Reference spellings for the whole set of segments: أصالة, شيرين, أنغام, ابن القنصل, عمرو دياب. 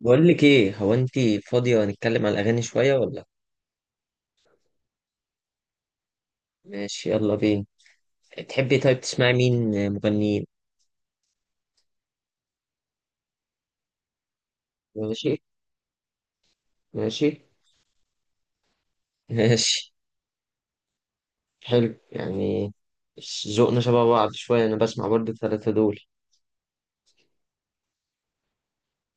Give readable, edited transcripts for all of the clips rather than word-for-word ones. بقول لك ايه؟ هو انت فاضية نتكلم على الاغاني شوية ولا؟ ماشي، يلا بينا. تحبي طيب تسمعي مين مغنيين؟ ماشي. ماشي. ماشي. حلو يعني، ذوقنا شبه بعض شوية، انا بسمع برضه الثلاثة دول.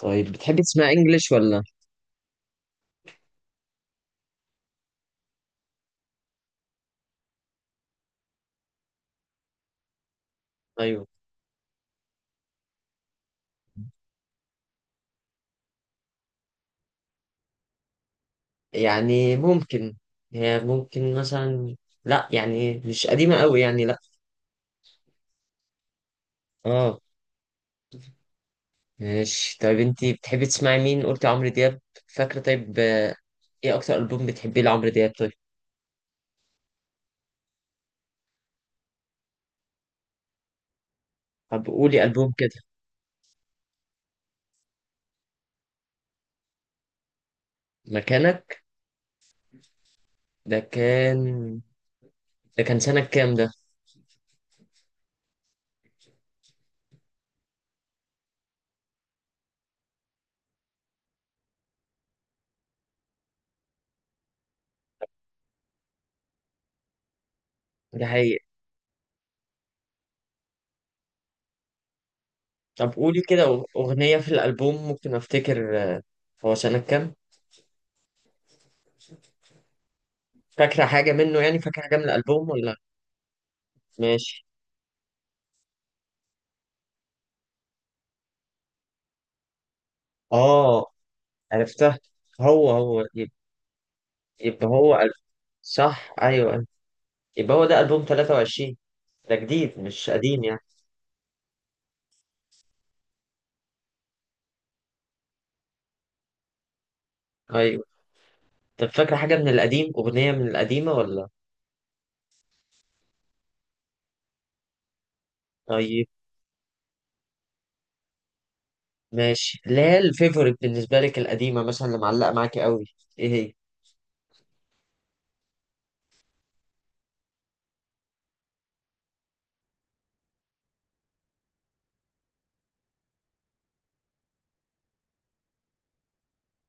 طيب، بتحبي تسمعي انجليش ولا؟ ايوه، يعني ممكن. هي ممكن مثلا. لا يعني مش قديمة قوي يعني لا. اه. ماشي طيب، انت بتحبي تسمعي مين؟ قلتي عمرو دياب، فاكرة؟ طيب، ايه اكتر ألبوم بتحبيه لعمرو دياب؟ طيب، طب قولي ألبوم كده. مكانك؟ ده كان ده كان سنة كام ده؟ ده حقيقي. طب قولي كده أغنية في الألبوم، ممكن أفتكر. هو سنة كام؟ فاكرة حاجة منه؟ يعني فاكرة حاجة من الألبوم ولا؟ ماشي. آه، عرفتها. هو هو يب- يبقى هو صح أيوه أيوه. يبقى هو ده ألبوم 23، ده جديد مش قديم يعني. أيوه. طب فاكرة حاجة من القديم؟ أغنية من القديمة ولا؟ طيب. ماشي. لا الفيفوريت بالنسبة لك القديمة مثلا اللي معلقة معاكي قوي، إيه هي؟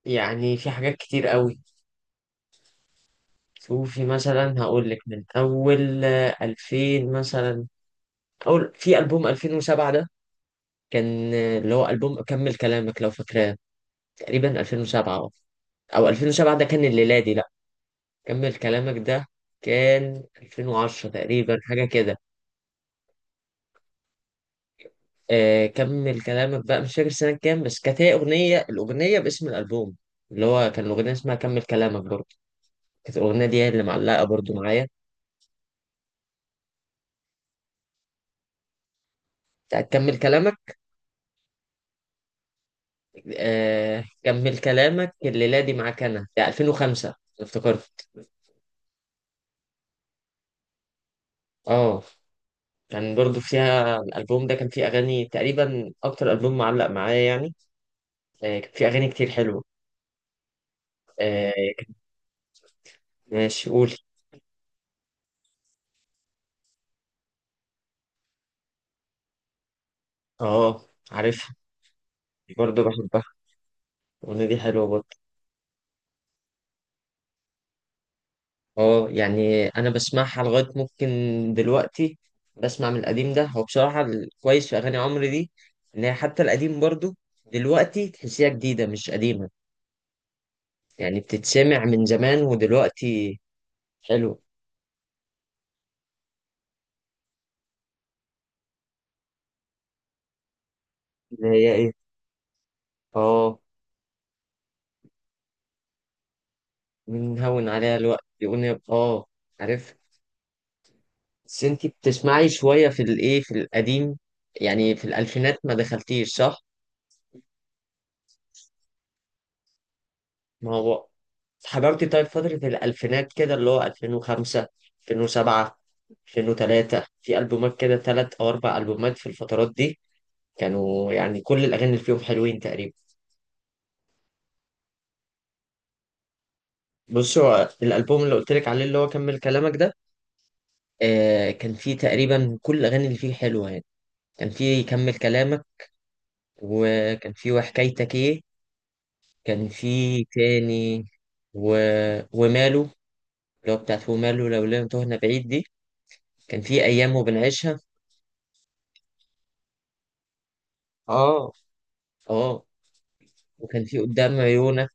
يعني في حاجات كتير قوي. شوفي مثلا، هقول لك من اول 2000 مثلا. اول في البوم 2007 ده كان اللي هو البوم كمل كلامك، لو فاكراه. تقريبا 2007، اه. او 2007 ده كان الميلادي لا، كمل كلامك ده كان 2010 تقريبا حاجه كده. آه، كمل كلامك بقى، مش فاكر سنه كام، بس كانت هي الاغنيه باسم الالبوم، اللي هو كان الاغنيه اسمها كمل كلامك برضه. كانت الاغنيه دي هي اللي معلقه برضه معايا. بتاعت كمل كلامك. آه، كمل كلامك الليلة دي معاك أنا، ده 2005 افتكرت. اه، كان برضو فيها الألبوم ده كان فيه أغاني تقريبا، أكتر ألبوم معلق معايا يعني. آه، كان فيه أغاني كتير حلوة. آه. كانت- ماشي، قول. اه، عارفها. برضو بحبها، الأغنية دي حلوة برضو. اه يعني أنا بسمعها لغاية ممكن دلوقتي. بسمع من القديم ده، هو بصراحة الكويس في أغاني عمرو دي إن هي حتى القديم برضو دلوقتي تحسيها جديدة مش قديمة، يعني بتتسمع من زمان ودلوقتي. حلو. اللي هي ايه؟ اه، بنهون عليها الوقت يقول، اه. عارف. بس انتي بتسمعي شوية في الايه، في القديم، يعني في الألفينات ما دخلتيش صح؟ ما هو حضرتي طيب فترة الألفينات كده، اللي هو 2005، 2007، 2003. في ألبومات كده تلات أو أربع ألبومات في الفترات دي، كانوا يعني كل الأغاني اللي فيهم حلوين تقريبا. بصوا الألبوم اللي قلت لك عليه اللي هو كمل كلامك ده، كان في تقريبا كل الأغاني اللي فيه حلوة يعني. كان في كمل كلامك، وكان في وحكايتك إيه، كان في تاني و... وماله، اللي هو بتاعت وماله لو لم تهنا بعيد دي. كان في أيام وبنعيشها. آه. آه. وكان في قدام عيونك.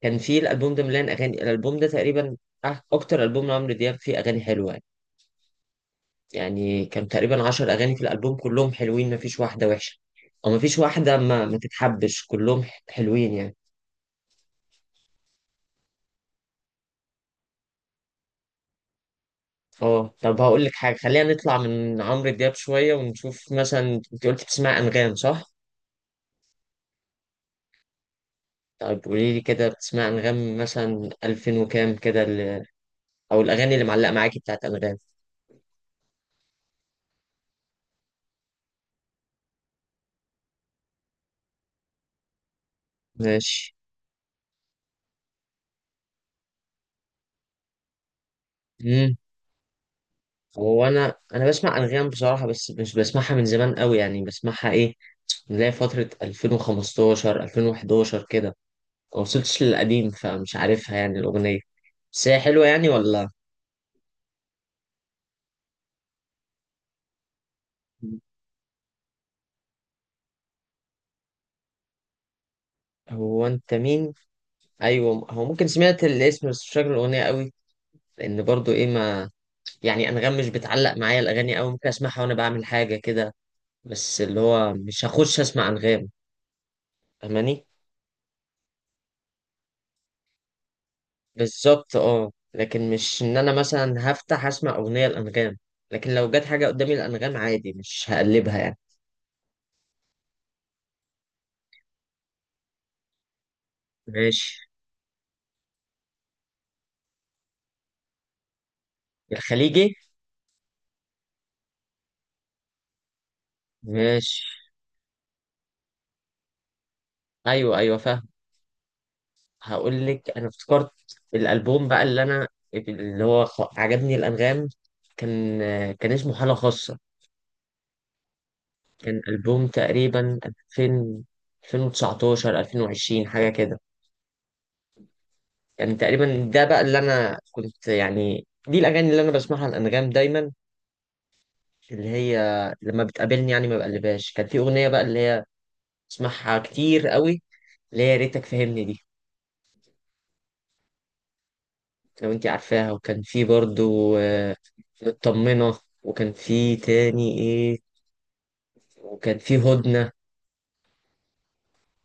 كان في الألبوم ده مليان أغاني، الألبوم ده تقريبا أكتر ألبوم لعمرو دياب فيه أغاني حلوة يعني. يعني كان تقريبا 10 أغاني في الألبوم كلهم حلوين، مفيش واحدة وحشة أو مفيش واحدة ما تتحبش، كلهم حلوين يعني. اه، طب هقول لك حاجة، خلينا نطلع من عمرو دياب شوية ونشوف مثلا. انت قلت بتسمع أنغام صح؟ طيب قولي لي كده، بتسمع أنغام مثلا 2000 وكام كده أو الأغاني اللي معلقة معاكي بتاعت أنغام؟ ماشي. امم هو أنا بسمع أنغام بصراحة بس مش بسمعها من زمان قوي، يعني بسمعها إيه، نلاقي فترة 2015، 2011 كده. ما وصلتش للقديم فمش عارفها يعني الأغنية، بس هي حلوة يعني ولا؟ هو أنت مين؟ ايوه، هو ممكن سمعت الاسم بس مش فاكر الاغنيه قوي، لان برضو ايه ما، يعني انغام مش بتعلق معايا الاغاني قوي. ممكن اسمعها وانا بعمل حاجه كده، بس اللي هو مش هخش اسمع انغام. فاهماني؟ بالظبط، اه. لكن مش ان انا مثلا هفتح اسمع اغنيه الانغام، لكن لو جت حاجه قدامي الانغام عادي مش هقلبها يعني. ماشي. الخليجي. ماشي، ايوه، ايوه، فاهم. هقول لك انا افتكرت الالبوم بقى، اللي انا اللي هو عجبني الانغام، كان كان اسمه حاله خاصه، كان ألبوم تقريبا 2000، 2019، 2020 حاجة كده. يعني تقريبا ده بقى اللي أنا كنت يعني، دي الأغاني اللي أنا بسمعها على الأنغام دايما، اللي هي لما بتقابلني يعني ما بقلبهاش. كان في أغنية بقى اللي هي بسمعها كتير قوي، اللي هي يا ريتك فهمني دي، لو أنت عارفاها. وكان في برضو مطمنة، وكان في تاني إيه، وكان في هدنة.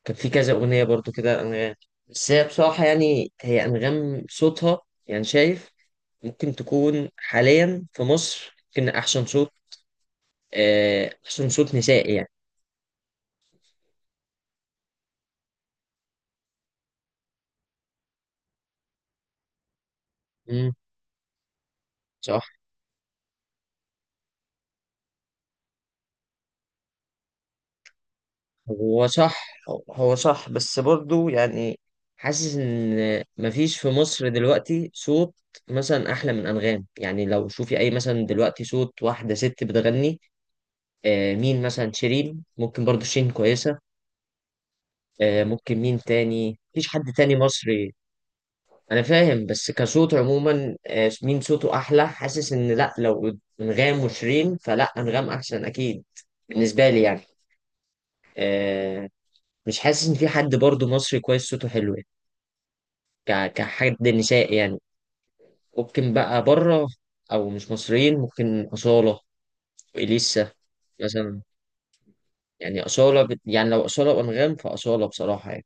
كان في كذا أغنية برضو كده أنغام. بس هي بصراحة يعني، هي أنغام صوتها، يعني شايف ممكن تكون حاليا في مصر ممكن أحسن صوت، أحسن صوت نسائي يعني. مم، صح. هو صح. هو صح بس برضو يعني، حاسس إن مفيش في مصر دلوقتي صوت مثلا أحلى من أنغام يعني. لو شوفي أي مثلا دلوقتي صوت واحدة ست بتغني، مين مثلا؟ شيرين، ممكن برضو شيرين كويسة. ممكن مين تاني، مفيش حد تاني مصري. انا فاهم، بس كصوت عموما، مين صوته احلى، حاسس ان لا، لو انغام وشيرين فلا، انغام احسن اكيد، بالنسبه لي يعني. آه، مش حاسس ان في حد برضو مصري كويس صوته حلو يعني، كحد نسائي يعني. ممكن بقى بره، او مش مصريين، ممكن اصاله واليسا مثلا. يعني اصاله يعني لو اصاله وانغام فاصاله بصراحه يعني،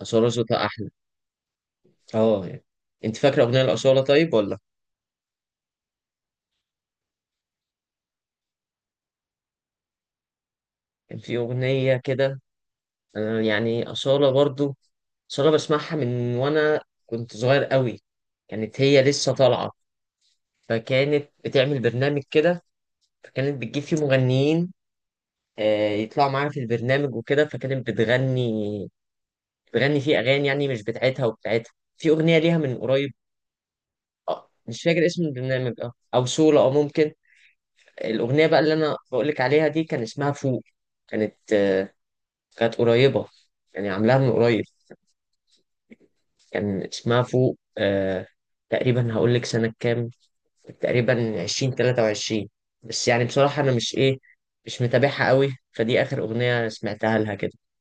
اصاله صوتها احلى. اه يعني، انت فاكره اغنيه الاصاله طيب ولا؟ كان في اغنيه كده. أنا يعني اصاله برضو، بس انا بسمعها من وانا كنت صغير قوي، كانت هي لسه طالعه، فكانت بتعمل برنامج كده، فكانت بتجيب فيه مغنيين، يطلعوا معاها في البرنامج وكده، فكانت بتغني فيه اغاني يعني مش بتاعتها وبتاعتها. في اغنيه ليها من قريب، اه. مش فاكر اسم البرنامج، اه، او سولا اه، ممكن. الاغنيه بقى اللي انا بقول لك عليها دي كان اسمها فوق، كانت كانت قريبه، يعني عاملاها من قريب. كان اسمها فوق. تقريبا هقول لك سنه كام، تقريبا 20 23. بس يعني بصراحة أنا مش إيه، مش متابعها قوي، فدي آخر أغنية سمعتها لها كده.